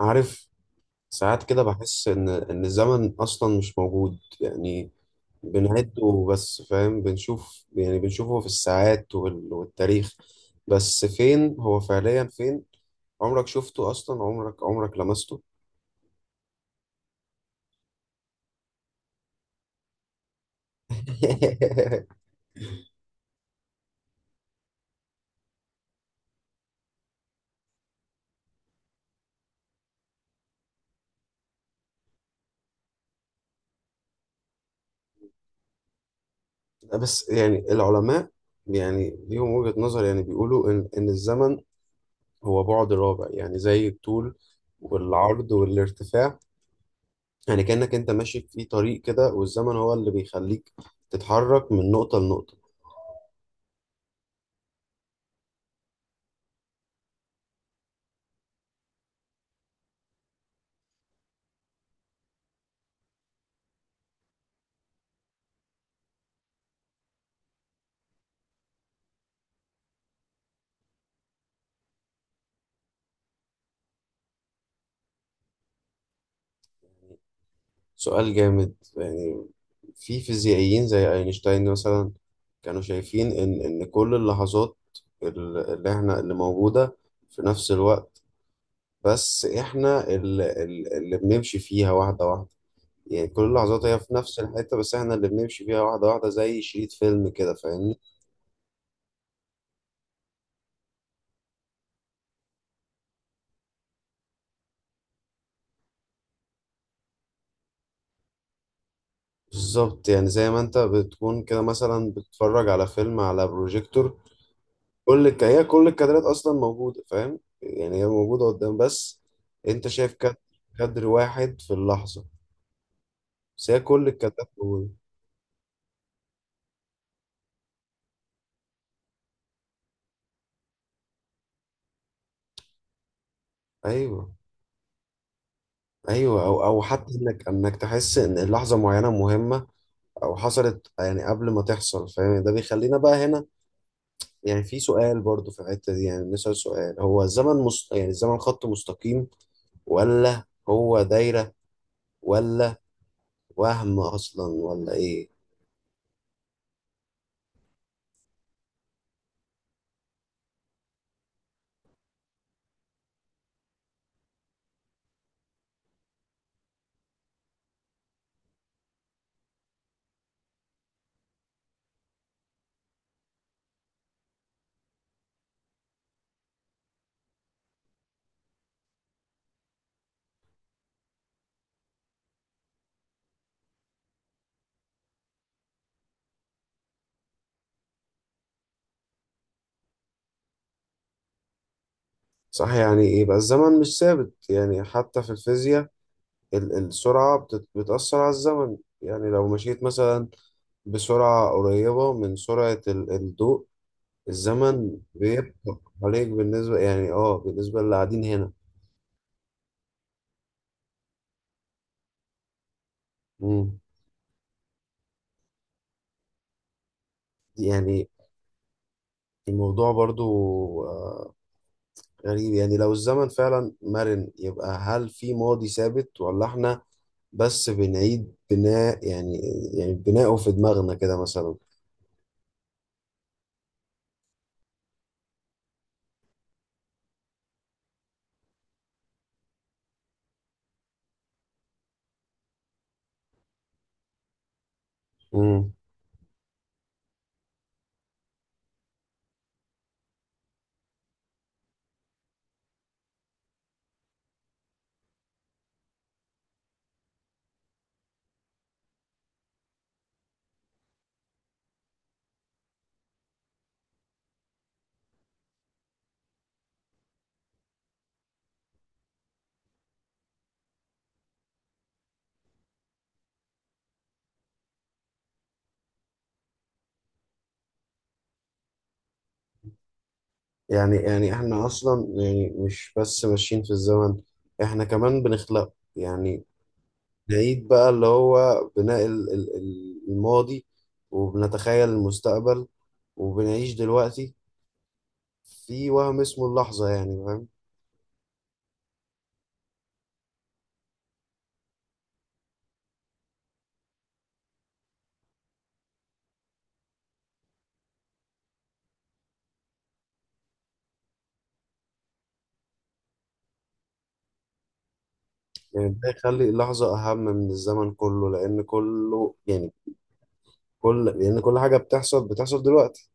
عارف، ساعات كده بحس إن الزمن أصلا مش موجود. يعني بنعده بس فاهم، بنشوف يعني بنشوفه في الساعات والتاريخ، بس فين هو فعليا؟ فين؟ عمرك شفته أصلا؟ عمرك لمسته؟ بس يعني العلماء يعني ليهم وجهة نظر، يعني بيقولوا إن الزمن هو بعد رابع، يعني زي الطول والعرض والارتفاع. يعني كأنك انت ماشي في طريق كده، والزمن هو اللي بيخليك تتحرك من نقطة لنقطة. سؤال جامد يعني. في فيزيائيين زي اينشتاين مثلا كانوا شايفين ان كل اللحظات اللي احنا، اللي موجودة في نفس الوقت، بس احنا اللي بنمشي فيها واحدة واحدة. يعني كل اللحظات هي في نفس الحتة، بس احنا اللي بنمشي فيها واحدة واحدة زي شريط فيلم كده، فاهمني؟ بالظبط، يعني زي ما انت بتكون كده مثلا بتتفرج على فيلم على بروجيكتور. هي كل الكادرات اصلا موجوده، فاهم؟ يعني هي موجوده قدام، بس انت شايف كادر واحد في اللحظه، بس هي كل الكادرات موجوده. ايوه. ايوه، او او حتى انك تحس ان لحظه معينه مهمه او حصلت يعني قبل ما تحصل، فاهم؟ ده بيخلينا بقى هنا، يعني في سؤال برضو في الحته دي، يعني نسال سؤال: هو الزمن يعني الزمن خط مستقيم، ولا هو دايره، ولا وهم اصلا، ولا ايه؟ صح، يعني يبقى الزمن مش ثابت. يعني حتى في الفيزياء السرعة بتأثر على الزمن. يعني لو مشيت مثلا بسرعة قريبة من سرعة الضوء، الزمن بيبقى عليك بالنسبة، يعني اه بالنسبة للي قاعدين هنا. مم. يعني الموضوع برضو آه، غريب. يعني لو الزمن فعلا مرن، يبقى هل في ماضي ثابت، ولا احنا بس بنعيد بناء، يعني يعني بناءه في دماغنا كده مثلا؟ مم. يعني يعني احنا اصلا يعني مش بس ماشيين في الزمن، احنا كمان بنخلقه. يعني نعيد بقى اللي هو بناء الماضي، وبنتخيل المستقبل، وبنعيش دلوقتي في وهم اسمه اللحظة، يعني فاهم؟ يعني ده يخلي اللحظة أهم من الزمن كله، لأن كله يعني كل حاجة بتحصل بتحصل دلوقتي،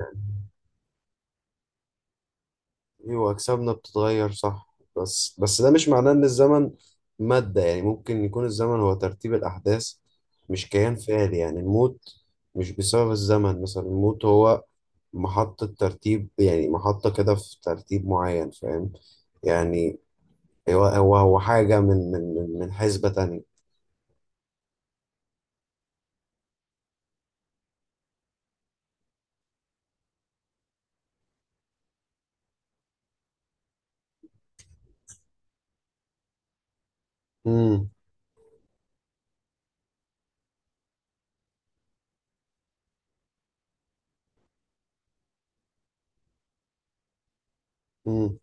يعني. ايوه اجسامنا بتتغير صح، بس ده مش معناه ان الزمن مادة. يعني ممكن يكون الزمن هو ترتيب الاحداث، مش كيان فعلي. يعني الموت مش بسبب الزمن مثلا، الموت هو محطة ترتيب، يعني محطة كده في ترتيب معين، فاهم؟ يعني هو حاجة من حسبة تانية. امم امم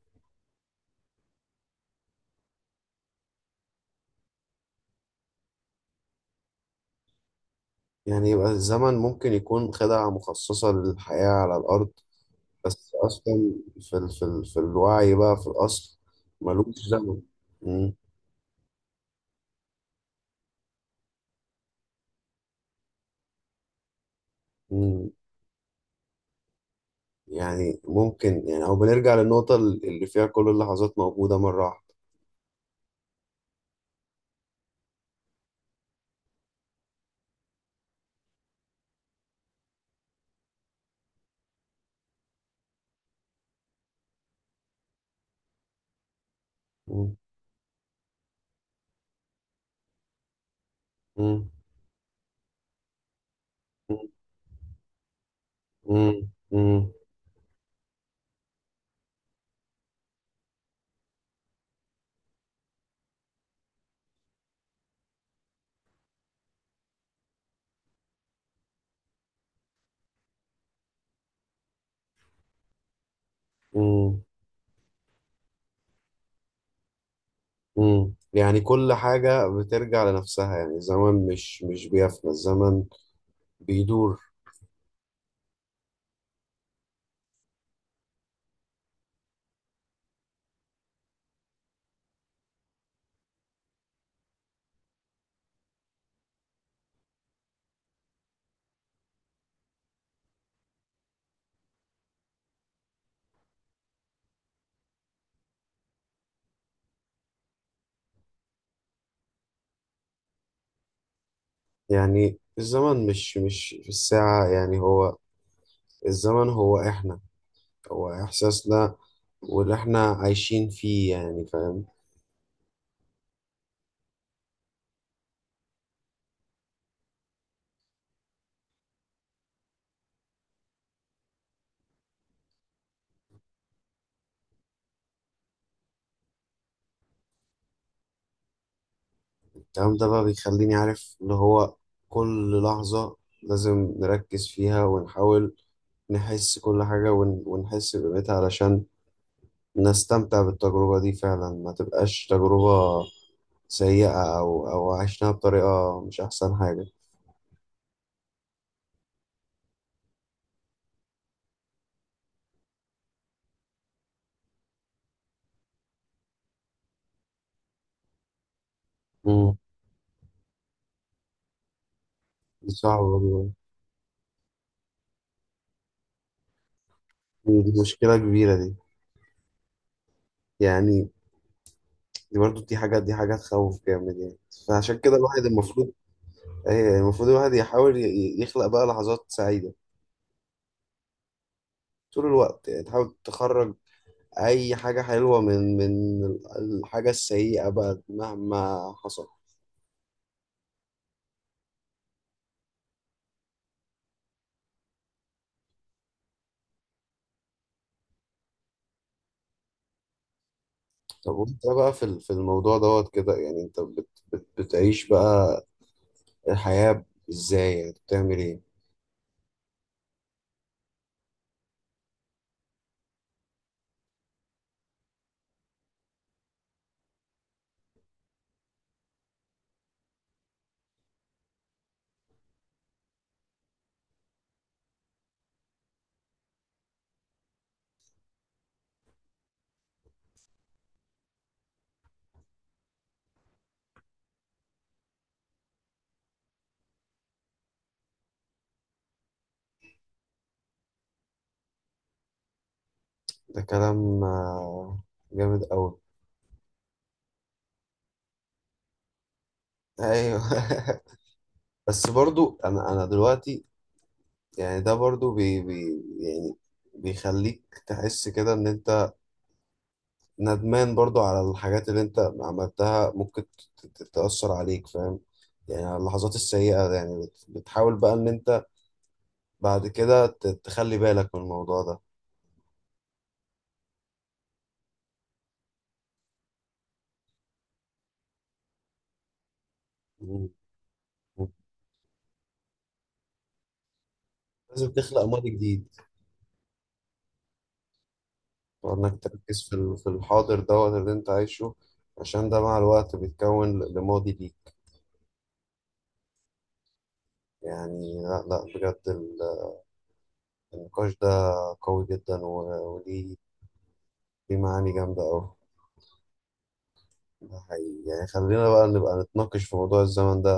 يعني يبقى الزمن ممكن يكون خدعة مخصصة للحياة على الأرض، بس اصلا في الوعي بقى في الاصل ملوش زمن. مم. مم. يعني ممكن، يعني او بنرجع للنقطة اللي فيها كل اللحظات موجودة مرة واحدة. مم. مم. مم. مم. مم. يعني كل حاجة بترجع لنفسها، يعني الزمن مش بيفنى، الزمن بيدور. يعني الزمن مش في الساعة، يعني هو الزمن هو احنا، هو احساسنا واللي احنا عايشين فيه، يعني فاهم؟ الكلام ده بقى بيخليني عارف اللي هو كل لحظة لازم نركز فيها، ونحاول نحس كل حاجة ونحس بقيمتها علشان نستمتع بالتجربة دي فعلا، ما تبقاش تجربة سيئة أو عشناها بطريقة مش أحسن حاجة. مم. دي صعبة برضه. دي مشكلة كبيرة دي، يعني دي برضه، دي حاجة، دي حاجة تخوف جامد يعني. فعشان كده الواحد المفروض، المفروض الواحد يحاول يخلق بقى لحظات سعيدة طول الوقت. يعني تحاول تخرج اي حاجه حلوه من الحاجه السيئه بقى، مهما حصل. طب وانت بقى في في الموضوع دوت كده، يعني انت بت بت بتعيش بقى الحياه ازاي؟ يعني بتعمل ايه؟ ده كلام جامد قوي. ايوه. بس برضو انا دلوقتي، يعني ده برضو بي بي يعني بيخليك تحس كده ان انت ندمان برضو على الحاجات اللي انت عملتها، ممكن تأثر عليك، فاهم؟ يعني على اللحظات السيئة، يعني بتحاول بقى ان انت بعد كده تخلي بالك من الموضوع ده. مم. لازم تخلق ماضي جديد، وانك تركز في في الحاضر دوت اللي انت عايشه، عشان ده مع الوقت بيتكون لماضي ليك. يعني لا بجد النقاش ده قوي جدا، وليه، ليه معاني جامدة أوي. ده حقيقي، يعني خلينا بقى نبقى نتناقش في موضوع الزمن ده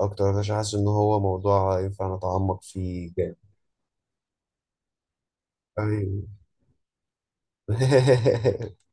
اكتر، عشان حاسس ان هو موضوع ينفع نتعمق فيه جامد. أيوة.